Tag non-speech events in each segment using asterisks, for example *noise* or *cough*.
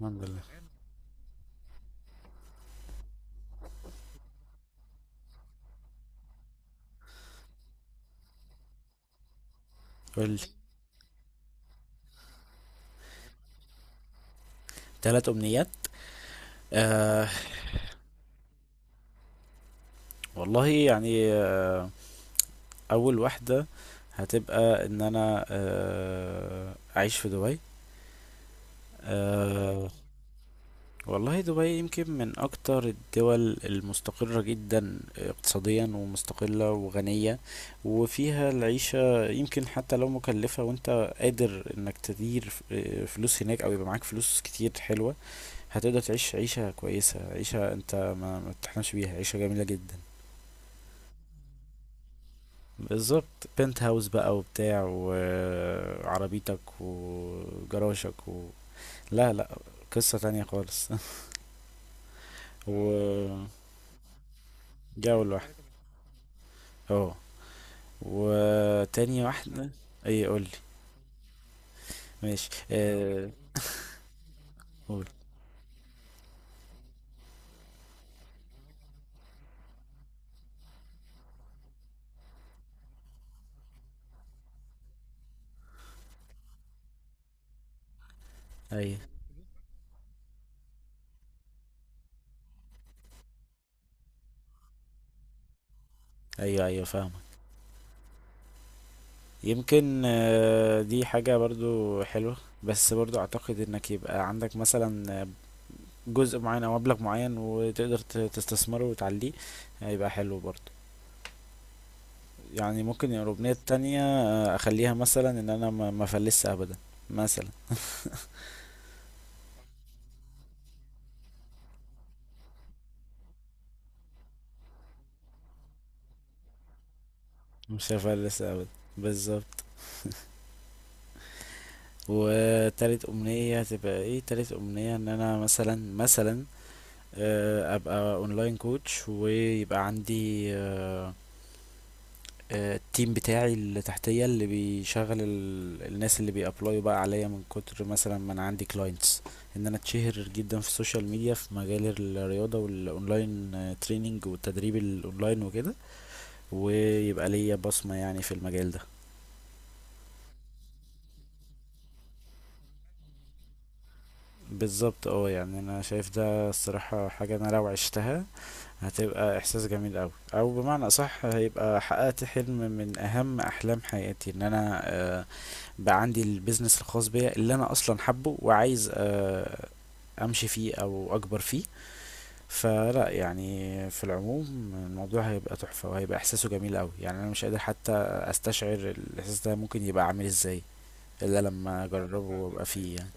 الحمد لله. قول. 3 امنيات. آه والله يعني اول واحده هتبقى ان انا اعيش في دبي. آه والله دبي يمكن من اكتر الدول المستقره جدا اقتصاديا ومستقله وغنيه، وفيها العيشه يمكن حتى لو مكلفه، وانت قادر انك تدير فلوس هناك او يبقى معاك فلوس كتير حلوه. هتقدر تعيش عيشه كويسه، عيشه انت ما تحلمش بيها، عيشه جميله جدا. بالظبط. بنت هاوس بقى وبتاع وعربيتك وجراشك و... لا لا، قصة تانية خالص *laughs* وجو. لوحده. اه. وتاني واحدة. اي قولي. ماشي قول. اي. ايوه ايوه فاهمك. يمكن دي حاجة برضو حلوة، بس برضو اعتقد انك يبقى عندك مثلا جزء معين او مبلغ معين وتقدر تستثمره وتعليه، هيبقى حلو برضو. يعني ممكن يعني الأغنية التانية، أخليها مثلا إن أنا ما أفلسش أبدا، مثلا. مش هفلس أبدا، بالظبط. وتالت أمنية هتبقى إيه؟ تالت أمنية إن أنا مثلا، مثلا أبقى أونلاين كوتش، ويبقى عندي التيم بتاعي اللي تحتية، اللي بيشغل الناس اللي بيأبلايوا بقى عليا من كتر مثلا ما أنا عندي كلاينتس. إن أنا أتشهر جدا في السوشيال ميديا في مجال الرياضة والأونلاين تريننج، والتدريب الأونلاين وكده. ويبقى ليا بصمة يعني في المجال ده. بالظبط، اه. يعني انا شايف ده الصراحة حاجة انا لو عشتها هتبقى احساس جميل اوي، او بمعنى اصح هيبقى حققت حلم من اهم احلام حياتي، ان انا بقى عندي البيزنس الخاص بيا اللي انا اصلا حبه وعايز امشي فيه او اكبر فيه. فلا، يعني في العموم الموضوع هيبقى تحفة، وهيبقى احساسه جميل اوي، يعني انا مش قادر حتى استشعر الاحساس ده ممكن يبقى عامل ازاي الا لما اجربه، فاهمك، وابقى فيه يعني.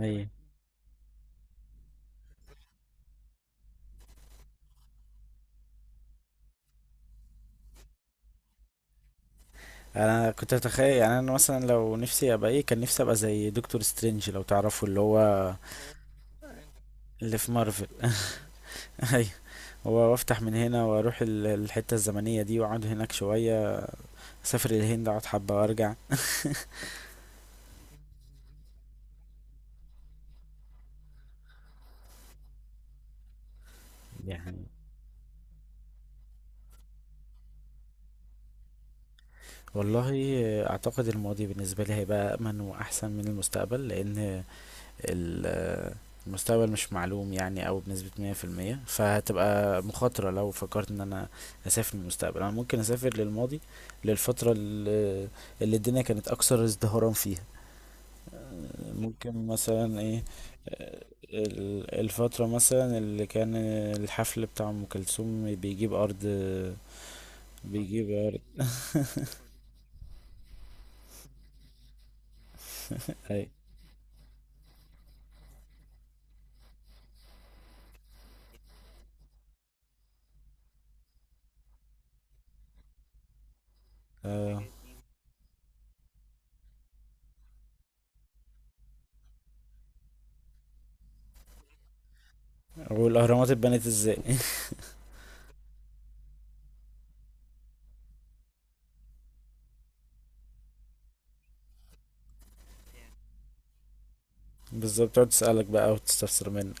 ايوه. انا كنت اتخيل يعني انا مثلا لو نفسي ابقى ايه، كان نفسي ابقى زي دكتور سترينج، لو تعرفوا اللي هو اللي في مارفل *laughs* ايوه، هو، وافتح من هنا واروح الحتة الزمنية دي واقعد هناك شوية، اسافر الهند، اقعد حبة وارجع. يعني والله، اعتقد الماضي بالنسبة لي هيبقى امن واحسن من المستقبل لان ال- المستقبل مش معلوم يعني أوي بنسبة 100%، فهتبقى مخاطرة لو فكرت ان انا اسافر للمستقبل. انا ممكن اسافر للماضي، للفترة اللي، اللي الدنيا كانت اكثر ازدهارا فيها. ممكن مثلا ايه، الفترة مثلا اللي كان الحفل بتاع ام كلثوم بيجيب ارض، بيجيب ارض. اي آه. والاهرامات اتبنت ازاي *laughs* بالظبط، تقعد تسألك بقى وتستفسر منه.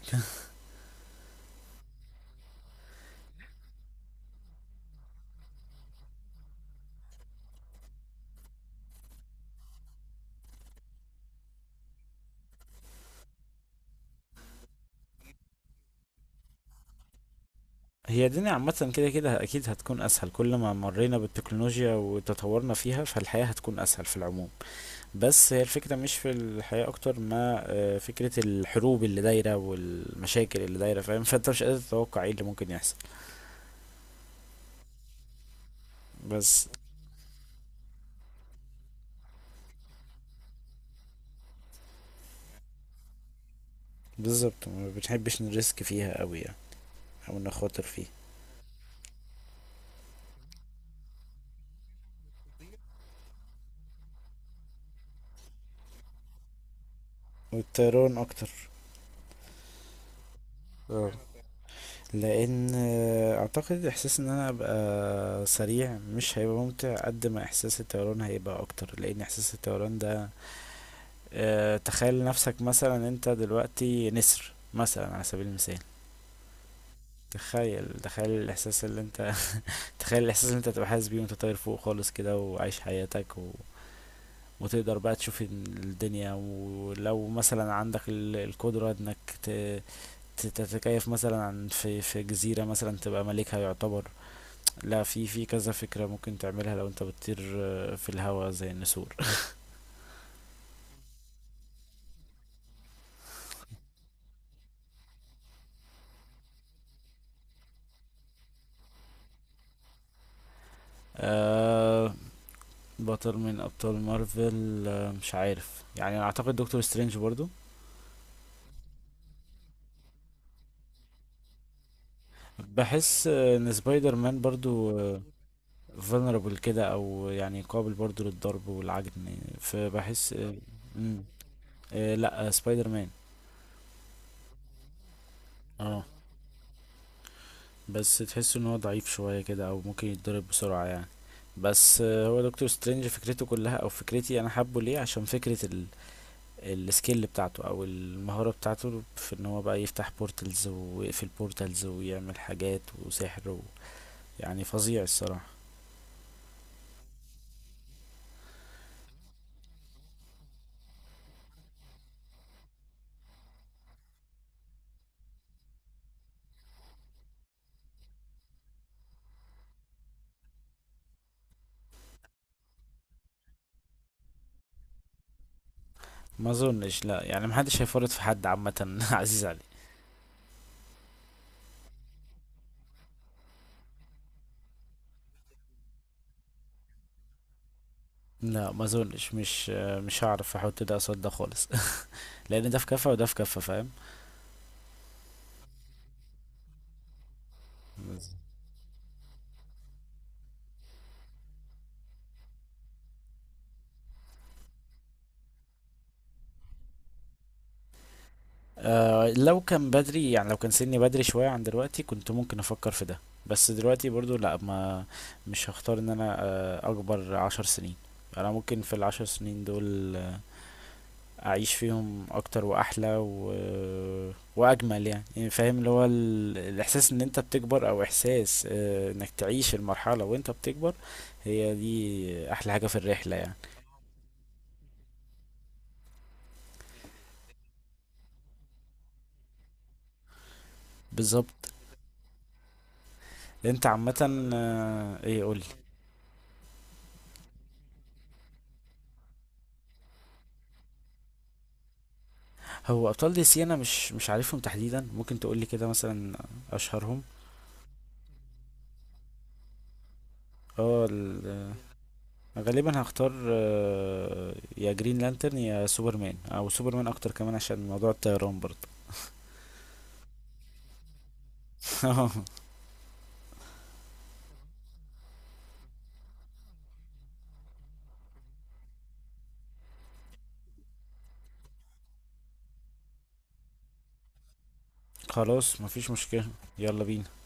هي الدنيا عامة كده كده أكيد هتكون أسهل، كل ما مرينا بالتكنولوجيا وتطورنا فيها فالحياة هتكون أسهل في العموم. بس هي الفكرة مش في الحياة أكتر ما فكرة الحروب اللي دايرة والمشاكل اللي دايرة، فاهم، فأنت مش قادر تتوقع ايه اللي ممكن يحصل. بس بالظبط، ما بنحبش نريسك فيها أوي يعني، أو نخاطر فيه. والطيران أكتر. اه، لأن أعتقد إحساس إن أنا أبقى سريع مش هيبقى ممتع قد ما إحساس الطيران هيبقى أكتر، لأن إحساس الطيران ده تخيل نفسك مثلا انت دلوقتي نسر مثلا على سبيل المثال. تخيل الاحساس اللي انت *laughs* تخيل الاحساس اللي انت تبقى حاسس بيه وانت طاير فوق خالص كده وعايش حياتك و... وتقدر بقى تشوف الدنيا، ولو مثلا عندك القدرة انك ت... تتكيف مثلا عن في في جزيرة مثلا تبقى ملكها يعتبر. لا، في في كذا فكرة ممكن تعملها لو انت بتطير في الهواء زي النسور *laughs* آه. بطل من ابطال مارفل مش عارف، يعني اعتقد دكتور سترينج برضو. بحس ان سبايدر مان برضو فولنربل كده، او يعني قابل برضو للضرب والعجن، فبحس. مم. لا، سبايدر مان. اه بس تحس ان هو ضعيف شوية كده، او ممكن يتضرب بسرعة يعني. بس هو دكتور سترينج فكرته كلها او فكرتي انا حابه ليه عشان فكرة السكيل بتاعته او المهارة بتاعته في ان هو بقى يفتح بورتلز ويقفل بورتلز ويعمل حاجات وسحر و... يعني فظيع الصراحة. ما اظنش، لا يعني محدش هيفرط في حد عامة *laughs* عزيز عليه. لا ما اظنش، مش هعرف احط ده قصاد ده خالص *laughs* لان ده في كفه وده في كفه، فاهم. آه، لو كان بدري، يعني لو كان سني بدري شويه عن دلوقتي كنت ممكن افكر في ده. بس دلوقتي برضو لا، ما مش هختار ان انا اكبر 10 سنين. انا ممكن في ال10 سنين دول آه اعيش فيهم اكتر واحلى و... واجمل يعني. يعني فاهم اللي هو الاحساس ان انت بتكبر، او احساس انك تعيش المرحلة وانت بتكبر، هي دي احلى حاجة في الرحلة يعني. بالظبط. انت عامة ايه؟ قولي. هو ابطال دي سي انا مش عارفهم تحديدا، ممكن تقولي كده مثلا اشهرهم. اه غالبا هختار، يا جرين لانترن يا سوبرمان، او سوبرمان اكتر كمان عشان موضوع الطيران برضه *laughs* خلاص مفيش مشكلة. يلا بينا.